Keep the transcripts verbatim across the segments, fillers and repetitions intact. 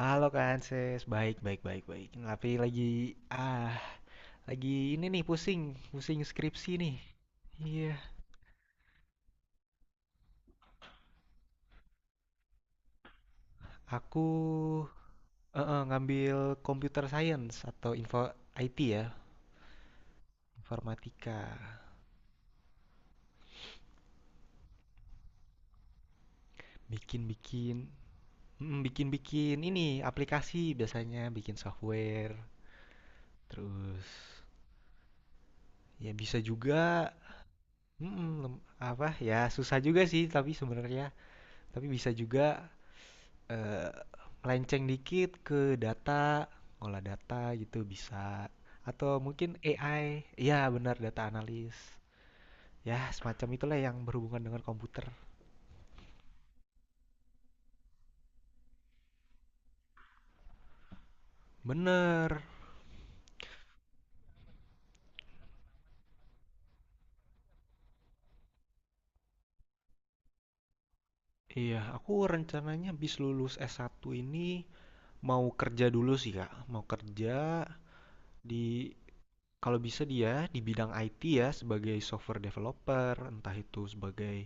Halo Kak Anses, baik baik baik baik. Tapi lagi ah lagi ini nih pusing, pusing skripsi nih. Iya, aku eh, eh, ngambil computer science atau info I T ya, informatika. Bikin-bikin, mm, bikin-bikin ini aplikasi biasanya bikin software. Terus ya bisa juga mm, lem- apa ya susah juga sih tapi sebenarnya tapi bisa juga eee, melenceng dikit ke data, ngolah data gitu bisa, atau mungkin A I, ya benar data analis. Ya, semacam itulah yang berhubungan dengan komputer. Bener. Iya, aku rencananya habis lulus S satu ini mau kerja dulu sih, Kak. Mau kerja di kalau bisa dia di bidang I T ya sebagai software developer, entah itu sebagai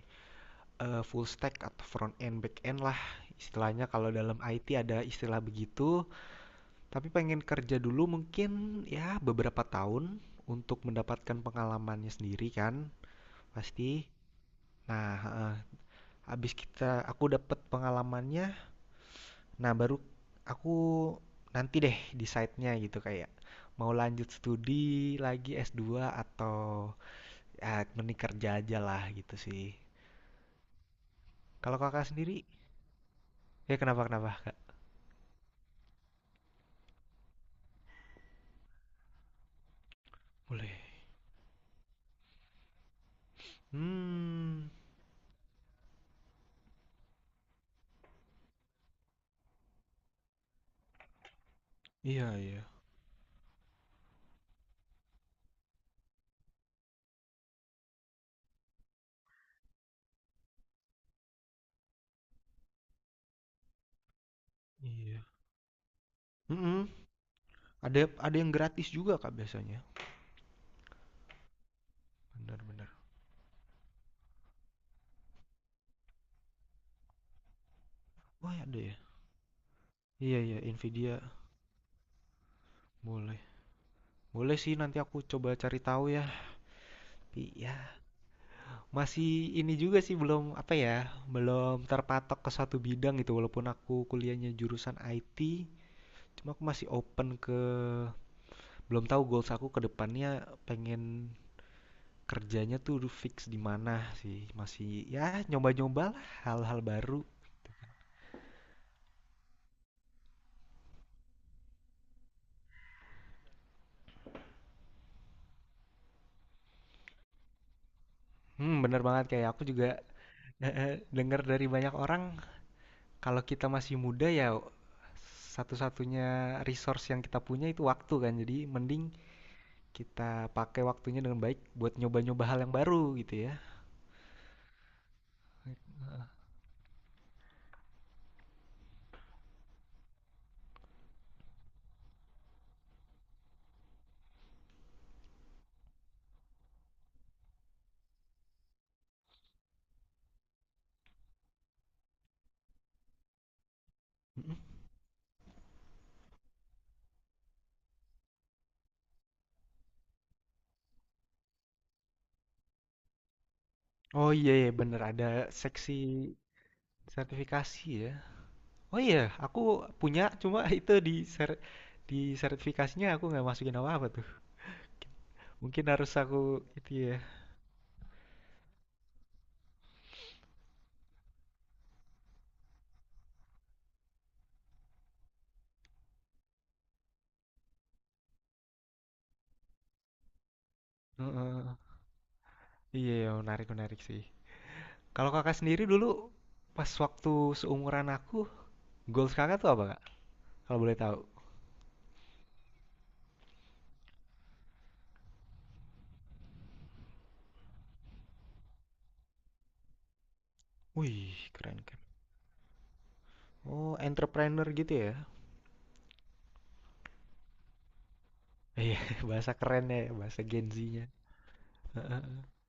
eh, full stack atau front end back end lah. Istilahnya kalau dalam I T ada istilah begitu. Tapi pengen kerja dulu mungkin ya beberapa tahun untuk mendapatkan pengalamannya sendiri kan, pasti. Nah, heeh, habis kita aku dapet pengalamannya, nah baru aku nanti deh decide-nya gitu kayak mau lanjut studi lagi S dua atau ya mending kerja aja lah gitu sih. Kalau kakak sendiri, ya kenapa kenapa? Boleh. Hmm. Iya, iya. Iya. Mm-mm. Ada ada yang gratis juga kak biasanya. Benar-benar. Wah ada ya? Iya iya Nvidia boleh. Boleh sih nanti aku coba cari tahu ya. Tapi ya masih ini juga sih belum apa ya, belum terpatok ke satu bidang gitu walaupun aku kuliahnya jurusan I T, cuma aku masih open ke belum tahu goals aku ke depannya pengen kerjanya tuh fix di mana sih. Masih ya nyoba-nyoba lah hal-hal baru. Hmm, bener banget kayak aku juga dengar dari banyak orang. Kalau kita masih muda ya satu-satunya resource yang kita punya itu waktu kan. Jadi mending kita pakai waktunya dengan baik buat nyoba-nyoba hal yang baru gitu ya. Mm-mm. Oh iya ya bener ada seksi sertifikasi ya. Oh iya aku punya cuma itu di ser- di sertifikasinya aku nggak masukin apa-apa tuh. Mungkin harus aku itu ya. Heeh. Iya ya, menarik menarik sih. Kalau kakak sendiri dulu pas waktu seumuran aku goals kakak tuh apa kak? Kalau boleh tahu. Wih, keren kan. Oh, entrepreneur gitu ya? Iya, bahasa kerennya ya, bahasa Gen Z-nya.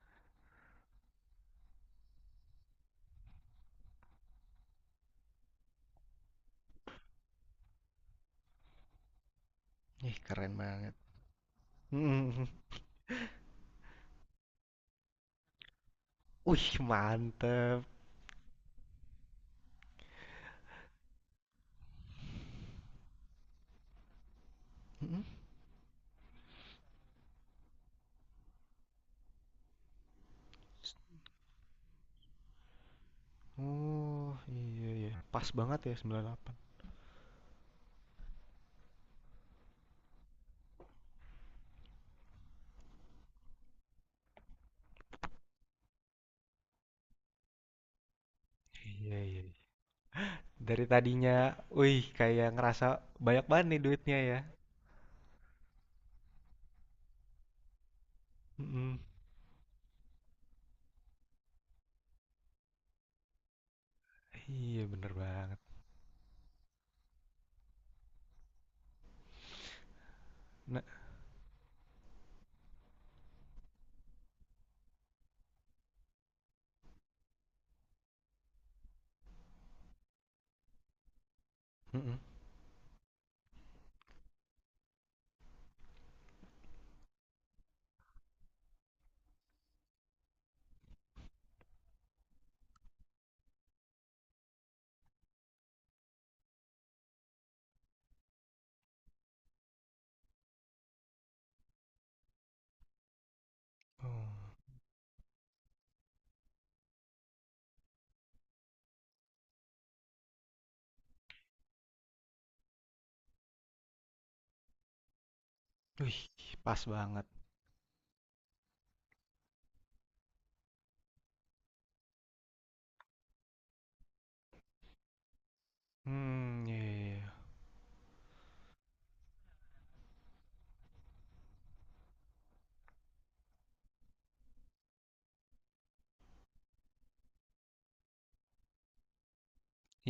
Ih, keren banget. Mm. Wih, mantep. Mm. Oh, iya iya. Pas banget ya sembilan puluh delapan. Iya iya. Iya. Dari tadinya, wih, kayak ngerasa banyak banget nih duitnya ya. Mm-mm. Iya, bener banget. Nah, mm-mm. Oh, wih, pas banget. Hmm, iya, iya. Iya.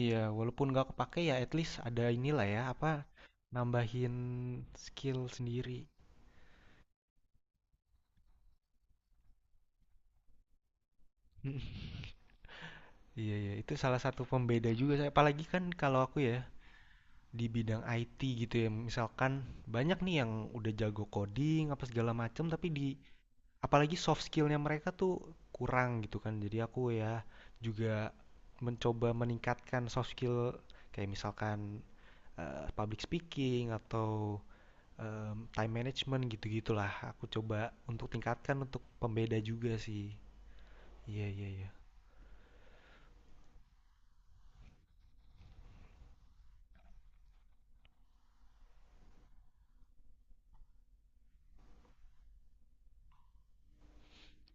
Iya, walaupun nggak kepake ya at least ada inilah ya, apa, nambahin skill sendiri. Iya, iya, itu salah satu pembeda juga saya. Apalagi kan kalau aku ya, di bidang I T gitu ya, misalkan banyak nih yang udah jago coding apa segala macem, tapi di, apalagi soft skillnya mereka tuh kurang gitu kan. Jadi aku ya juga mencoba meningkatkan soft skill kayak misalkan eh, public speaking atau em, time management gitu-gitulah aku coba untuk tingkatkan untuk pembeda juga sih. Iya iya iya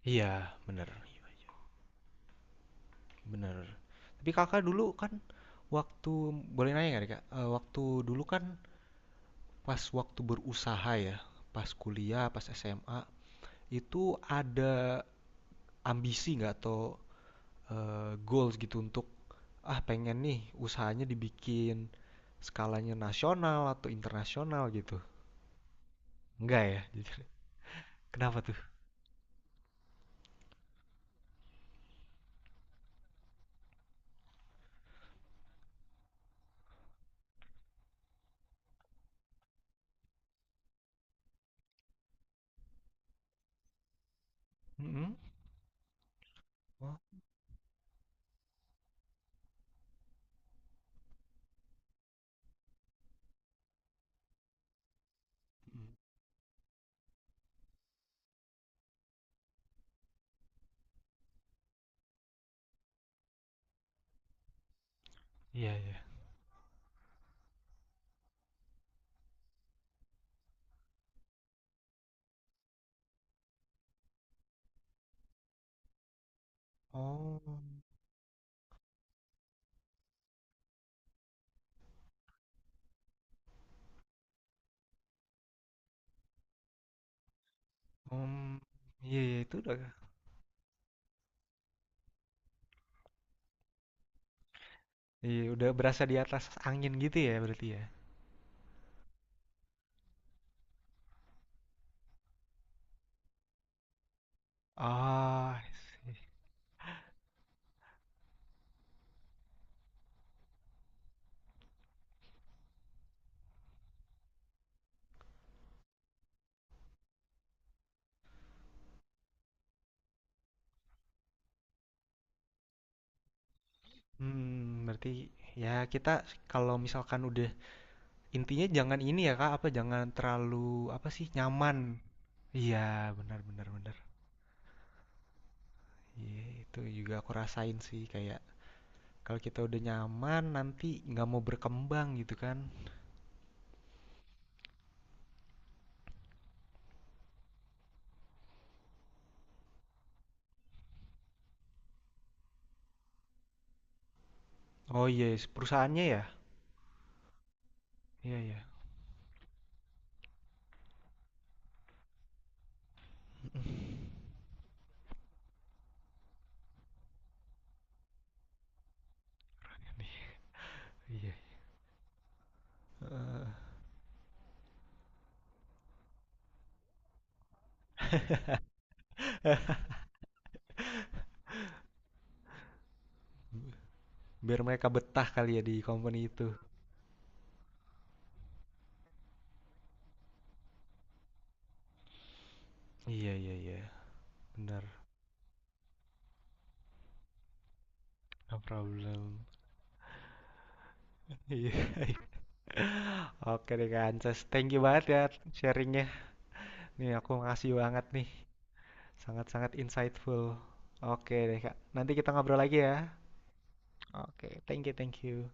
iya bener bener. Tapi kakak dulu kan waktu boleh nanya nggak nih kak. Eh, waktu dulu kan pas waktu berusaha ya pas kuliah pas S M A itu ada ambisi nggak atau eh, goals gitu untuk ah pengen nih usahanya dibikin skalanya nasional atau internasional gitu enggak ya. Kenapa tuh? Mm-mm. Mhm. Iya iya. Oh, um, iya, iya itu udah, iya udah berasa di atas angin gitu ya berarti ya. Ah, I see. Hmm, berarti ya kita kalau misalkan udah intinya jangan ini ya Kak, apa jangan terlalu apa sih nyaman. Iya, benar benar benar. Iya, itu juga aku rasain sih kayak kalau kita udah nyaman nanti nggak mau berkembang gitu kan. Oh iya, perusahaannya ya. Iya iya. Iya. Heeh. Biar mereka betah kali ya di company itu. Iya iya iya, benar. No problem. Iya. Oke deh kak ances thank you banget ya sharingnya. Nih aku makasih banget nih, sangat-sangat insightful. Oke deh Kak, nanti kita ngobrol lagi ya. Oke, thank you thank you.